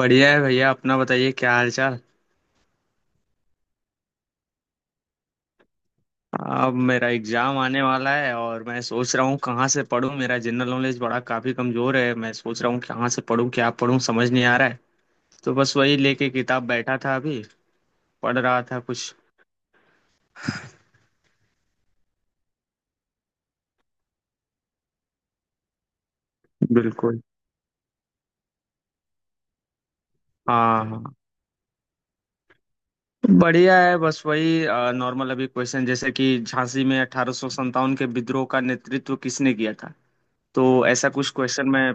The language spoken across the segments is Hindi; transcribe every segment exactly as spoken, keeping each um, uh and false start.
बढ़िया है भैया, अपना बताइए, क्या हाल चाल। अब मेरा एग्जाम आने वाला है और मैं सोच रहा हूँ कहाँ से पढूं। मेरा जनरल नॉलेज बड़ा काफी कमजोर है, मैं सोच रहा हूँ कहाँ से पढूं, क्या पढूं, समझ नहीं आ रहा है। तो बस वही लेके किताब बैठा था, अभी पढ़ रहा था कुछ। बिल्कुल। हाँ हाँ, बढ़िया है। बस वही नॉर्मल अभी क्वेश्चन, जैसे कि झांसी में अठारह सौ संतावन के विद्रोह का नेतृत्व किसने किया था। तो ऐसा कुछ क्वेश्चन मैं।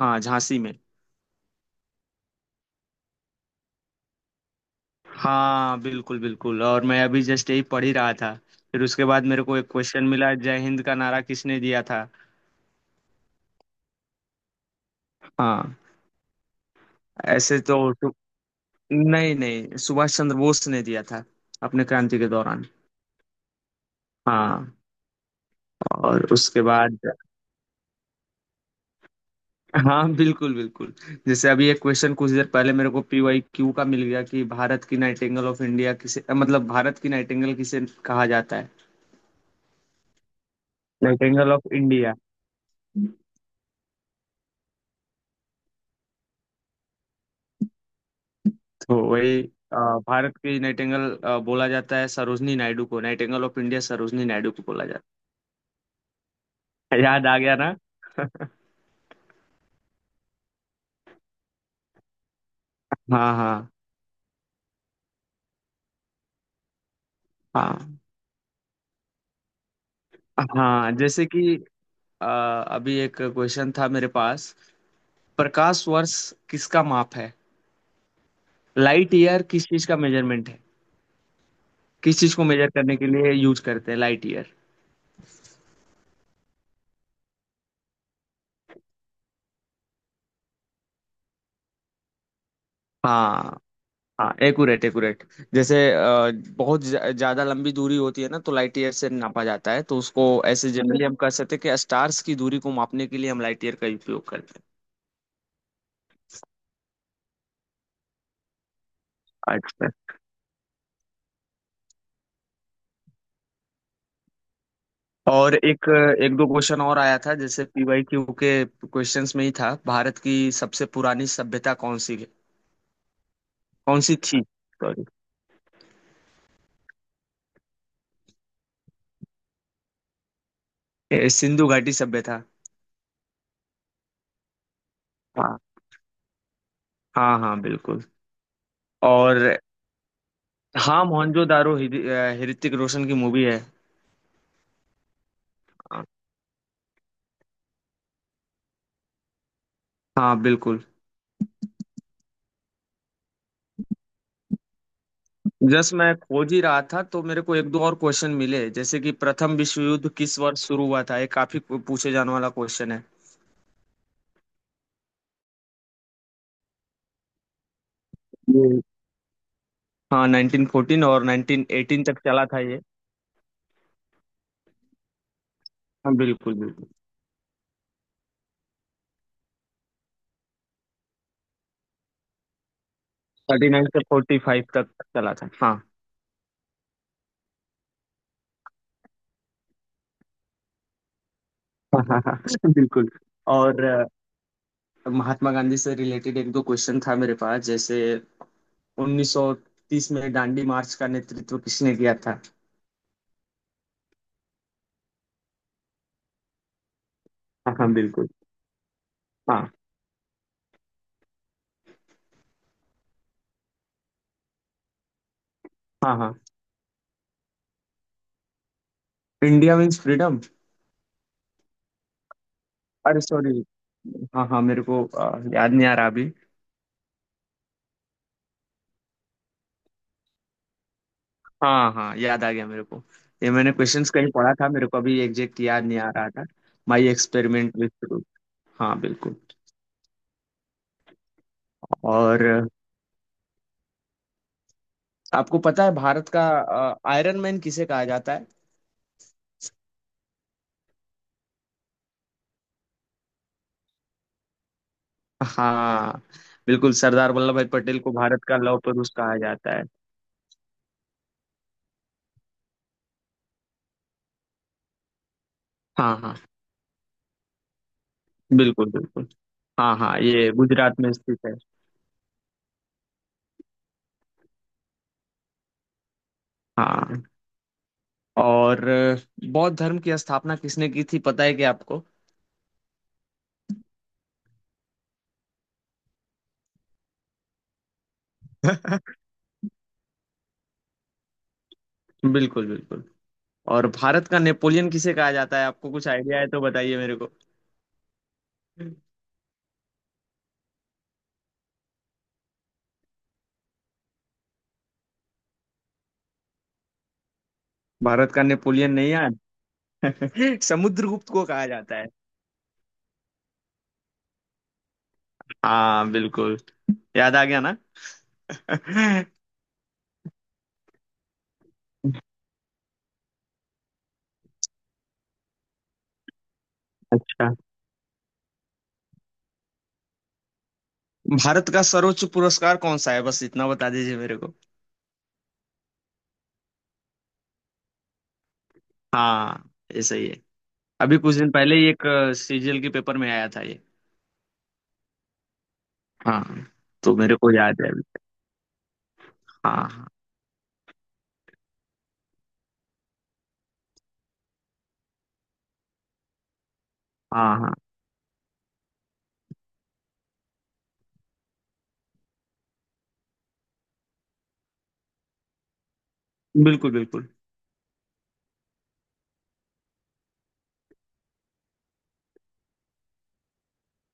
हाँ, झांसी में। हाँ बिल्कुल बिल्कुल, और मैं अभी जस्ट यही पढ़ ही रहा था। फिर उसके बाद मेरे को एक क्वेश्चन मिला, जय हिंद का नारा किसने दिया था। हाँ। ऐसे तो तो- नहीं नहीं, सुभाष चंद्र बोस ने दिया था अपने क्रांति के दौरान। हाँ। और उसके बाद हाँ बिल्कुल बिल्कुल, जैसे अभी एक क्वेश्चन कुछ देर पहले मेरे को पीवाई क्यू का मिल गया कि भारत की नाइटिंगेल ऑफ इंडिया किसे, मतलब भारत की नाइटिंगेल किसे कहा जाता है। Nightingale of India. तो वही, अ, भारत की नाइटिंगेल अ, बोला जाता है सरोजनी नायडू को, nightingale of India Sarojini Naidu को बोला जाता है। याद आ गया ना। हाँ हाँ हाँ हाँ, जैसे कि अ, अभी एक क्वेश्चन था मेरे पास, प्रकाश वर्ष किसका माप है, लाइट ईयर किस चीज का मेजरमेंट है, किस चीज को मेजर करने के लिए यूज करते हैं लाइट ईयर। हाँ हाँ। एक्यूरेट एक्यूरेट, जैसे अ, बहुत ज- ज्यादा लंबी दूरी होती है ना, तो लाइट ईयर से नापा जाता है, तो उसको ऐसे जनरली हम कह सकते हैं कि स्टार्स की दूरी को मापने के लिए हम लाइट ईयर का उपयोग करते हैं। अच्छा। और एक एक दो क्वेश्चन और आया था, जैसे पीवाईक्यू के क्वेश्चंस में ही था, भारत की सबसे पुरानी सभ्यता कौन सी है, कौन सी थी। सॉरी। ए, सिंधु घाटी सभ्यता। हाँ हाँ हाँ बिल्कुल। और हाँ, मोहनजोदारो हिर- अ, ऋतिक रोशन की मूवी है। हाँ हाँ, बिल्कुल। जस्ट मैं खोज ही रहा था तो मेरे को एक दो और क्वेश्चन मिले, जैसे कि प्रथम विश्व युद्ध किस वर्ष शुरू हुआ था, ये काफी पूछे जाने वाला क्वेश्चन है। ये- हाँ, नाइनटीन फोर्टीन और नाइनटीन एटीन तक चला था ये। हाँ बिल्कुल बिल्कुल, थर्टी नाइन से फोर्टी फाइव तक चला था हाँ। हाँ हाँ हाँ, बिल्कुल। और अ, महात्मा गांधी से रिलेटेड एक दो क्वेश्चन था मेरे पास, जैसे उन्नीस सौ तीस में दांडी मार्च का नेतृत्व किसने किया था। हाँ हाँ बिल्कुल। हाँ हाँ हाँ, इंडिया मीन्स फ्रीडम। अरे सॉरी, हाँ हाँ, मेरे को आ, याद नहीं आ रहा अभी। हाँ हाँ, याद आ गया मेरे को, ये मैंने क्वेश्चंस कहीं पढ़ा था, मेरे को अभी एग्जैक्ट याद नहीं आ रहा था। My experiment with truth. हाँ बिल्कुल। और आपको पता है भारत का आयरन मैन किसे कहा जाता है। हाँ बिल्कुल, सरदार वल्लभ भाई पटेल को भारत का लौह पुरुष कहा जाता है। हाँ हाँ बिल्कुल बिल्कुल। हाँ हाँ, ये गुजरात में स्थित है। हाँ। और अ, बौद्ध धर्म की स्थापना किसने की थी, पता है क्या आपको। बिल्कुल बिल्कुल। और भारत का नेपोलियन किसे कहा जाता है, आपको कुछ आइडिया है तो बताइए मेरे को। भारत का नेपोलियन नहीं यार, समुद्रगुप्त को कहा जाता है। हाँ बिल्कुल, याद आ गया ना। अच्छा, भारत का सर्वोच्च पुरस्कार कौन सा है, बस इतना बता दीजिए मेरे को। हाँ, ये सही है। अभी कुछ दिन पहले ही एक सीजीएल के पेपर में आया था ये। हाँ, तो मेरे को याद है अभी। हाँ हाँ हाँ हाँ बिल्कुल बिल्कुल।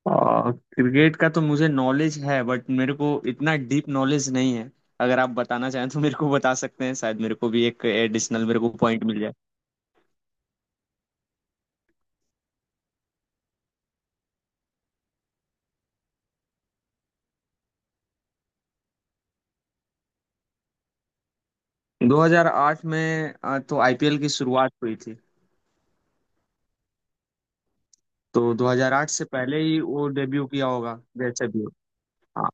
आ, क्रिकेट का तो मुझे नॉलेज है, बट मेरे को इतना डीप नॉलेज नहीं है। अगर आप बताना चाहें तो मेरे को बता सकते हैं, शायद मेरे को भी एक एडिशनल मेरे को पॉइंट मिल जाए। दो हज़ार आठ में आ, तो आईपीएल की शुरुआत हुई थी, तो दो हज़ार आठ से पहले ही वो डेब्यू किया होगा, जैसे भी हो। हाँ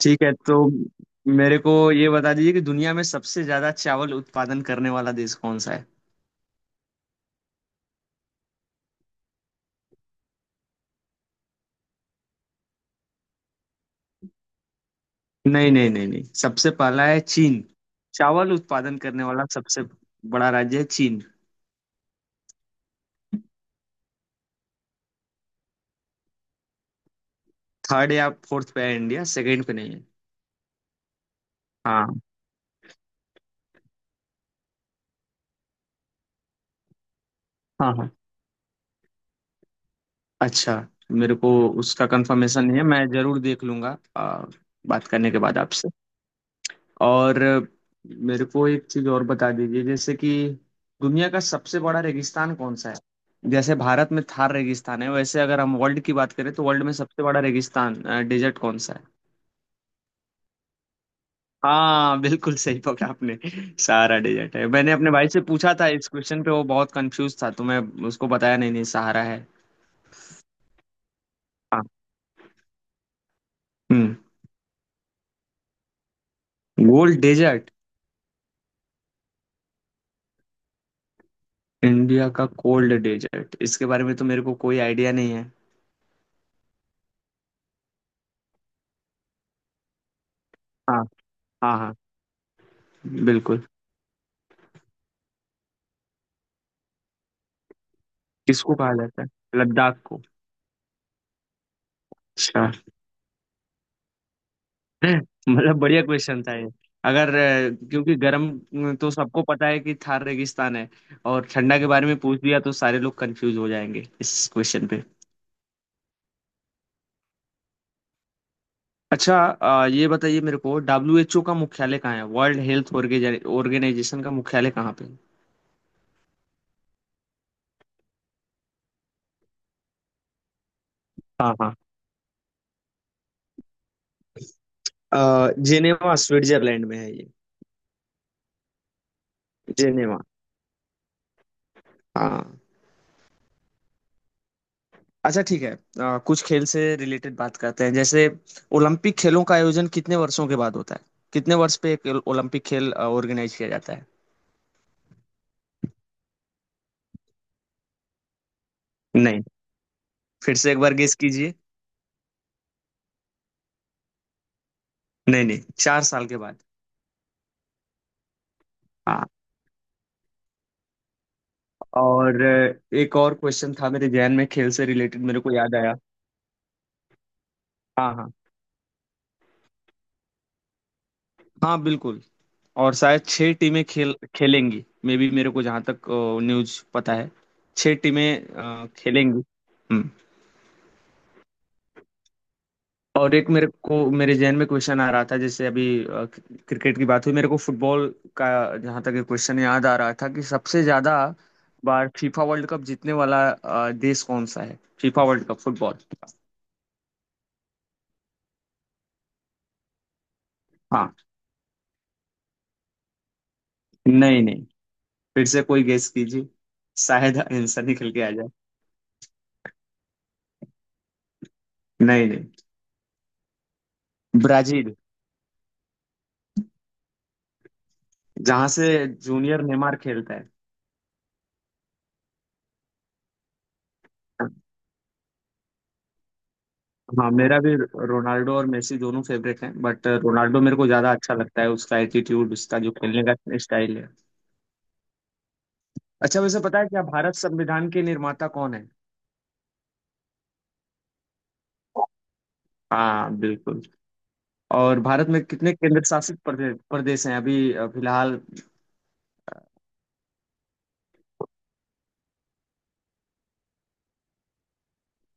ठीक है। तो मेरे को ये बता दीजिए कि दुनिया में सबसे ज्यादा चावल उत्पादन करने वाला देश कौन सा है। नहीं नहीं नहीं नहीं, सबसे पहला है चीन। चावल उत्पादन करने वाला सबसे बड़ा राज्य है चीन। थर्ड या फोर्थ पे है इंडिया, सेकंड पे नहीं है। हाँ हाँ हाँ। अच्छा, मेरे को उसका कंफर्मेशन नहीं है, मैं जरूर देख लूंगा आ, बात करने के बाद आपसे। और मेरे को एक चीज और बता दीजिए, जैसे कि दुनिया का सबसे बड़ा रेगिस्तान कौन सा है। जैसे भारत में थार रेगिस्तान है, वैसे अगर हम वर्ल्ड की बात करें तो वर्ल्ड में सबसे बड़ा रेगिस्तान डेजर्ट कौन सा है। हाँ बिल्कुल, सही पकड़ा आपने। सहारा डेजर्ट है। मैंने अपने भाई से पूछा था इस क्वेश्चन पे, वो बहुत कंफ्यूज था, तो मैं उसको बताया, नहीं नहीं, सहारा है। हम्म, गोल्ड डेजर्ट। इंडिया का कोल्ड डेजर्ट, इसके बारे में तो मेरे को कोई आइडिया नहीं है। हाँ हाँ हाँ। बिल्कुल। किसको कहा जाता है, लद्दाख को। अच्छा। मतलब बढ़िया क्वेश्चन था ये। अगर अ, क्योंकि गर्म तो सबको पता है कि थार रेगिस्तान है, और ठंडा के बारे में पूछ दिया तो सारे लोग कंफ्यूज हो जाएंगे इस क्वेश्चन पे। अच्छा, अ, ये बताइए मेरे को, डब्ल्यू एच ओ का मुख्यालय कहाँ है, वर्ल्ड हेल्थ ऑर्गेनाइजेशन का मुख्यालय कहाँ पे है? हाँ हाँ। अ, जेनेवा, स्विट्जरलैंड में है। जिनेवा। हाँ। अच्छा ठीक है, अ, कुछ खेल से रिलेटेड बात करते हैं। जैसे ओलंपिक खेलों का आयोजन कितने वर्षों के बाद होता है, कितने वर्ष पे एक ओलंपिक खेल ऑर्गेनाइज किया जाता है। नहीं, फिर से एक बार गेस कीजिए। नहीं नहीं, चार साल के बाद। हाँ। और अ, एक और क्वेश्चन था मेरे जहन में खेल से रिलेटेड, मेरे को याद आया। हाँ हाँ हाँ बिल्कुल। और शायद छह टीमें खेल खेलेंगी, मे बी, मेरे को जहाँ तक न्यूज पता है। छह टीमें अ, खेलेंगी। हम्म। और एक, मेरे को मेरे जहन में क्वेश्चन आ रहा था, जैसे अभी अ, क्रिकेट की बात हुई मेरे को फुटबॉल का जहां तक क्वेश्चन याद आ रहा था कि सबसे ज्यादा बार फीफा वर्ल्ड कप जीतने वाला अ, देश कौन सा है, फीफा वर्ल्ड कप फुटबॉल। हाँ। नहीं नहीं, फिर से कोई गेस कीजिए, शायद आंसर निकल के आ जाए। नहीं नहीं, ब्राजील, जहां से जूनियर नेमार खेलता है। हाँ, मेरा भी। रोनाल्डो और मेसी दोनों फेवरेट हैं, बट रोनाल्डो मेरे को ज्यादा अच्छा लगता है, उसका एटीट्यूड, उसका जो खेलने का स्टाइल है। अच्छा, वैसे पता है क्या भारत संविधान के निर्माता कौन है। हाँ बिल्कुल। और भारत में कितने केंद्र शासित प्रदेश प्रदेश हैं अभी अ, फिलहाल।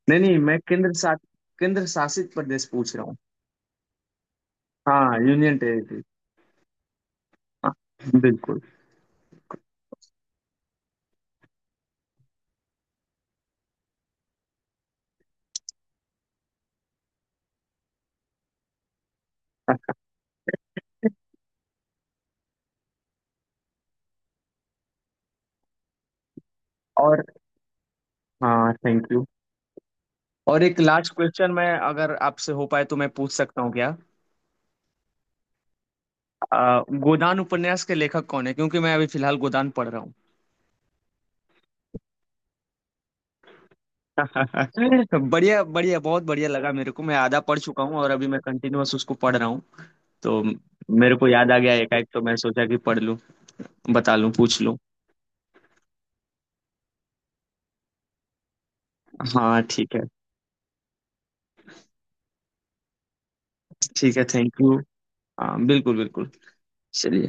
नहीं नहीं, मैं केंद्र शासित केंद्र शासित प्रदेश पूछ रहा हूँ। हाँ, यूनियन टेरिटरी। हाँ बिल्कुल। और हाँ, थैंक यू। और एक लास्ट क्वेश्चन, मैं अगर आपसे हो पाए तो मैं पूछ सकता हूँ क्या। अ, गोदान उपन्यास के लेखक कौन है, क्योंकि मैं अभी फिलहाल गोदान पढ़ रहा हूँ। बढ़िया बढ़िया, बहुत बढ़िया लगा मेरे को। मैं आधा पढ़ चुका हूँ और अभी मैं कंटिन्यूअस उसको पढ़ रहा हूँ। तो मेरे को याद आ गया एकाएक, तो मैं सोचा कि पढ़ लूँ, बता लूँ, पूछ लूँ। हाँ ठीक है। ठीक है, थैंक यू। हाँ बिल्कुल बिल्कुल। चलिए।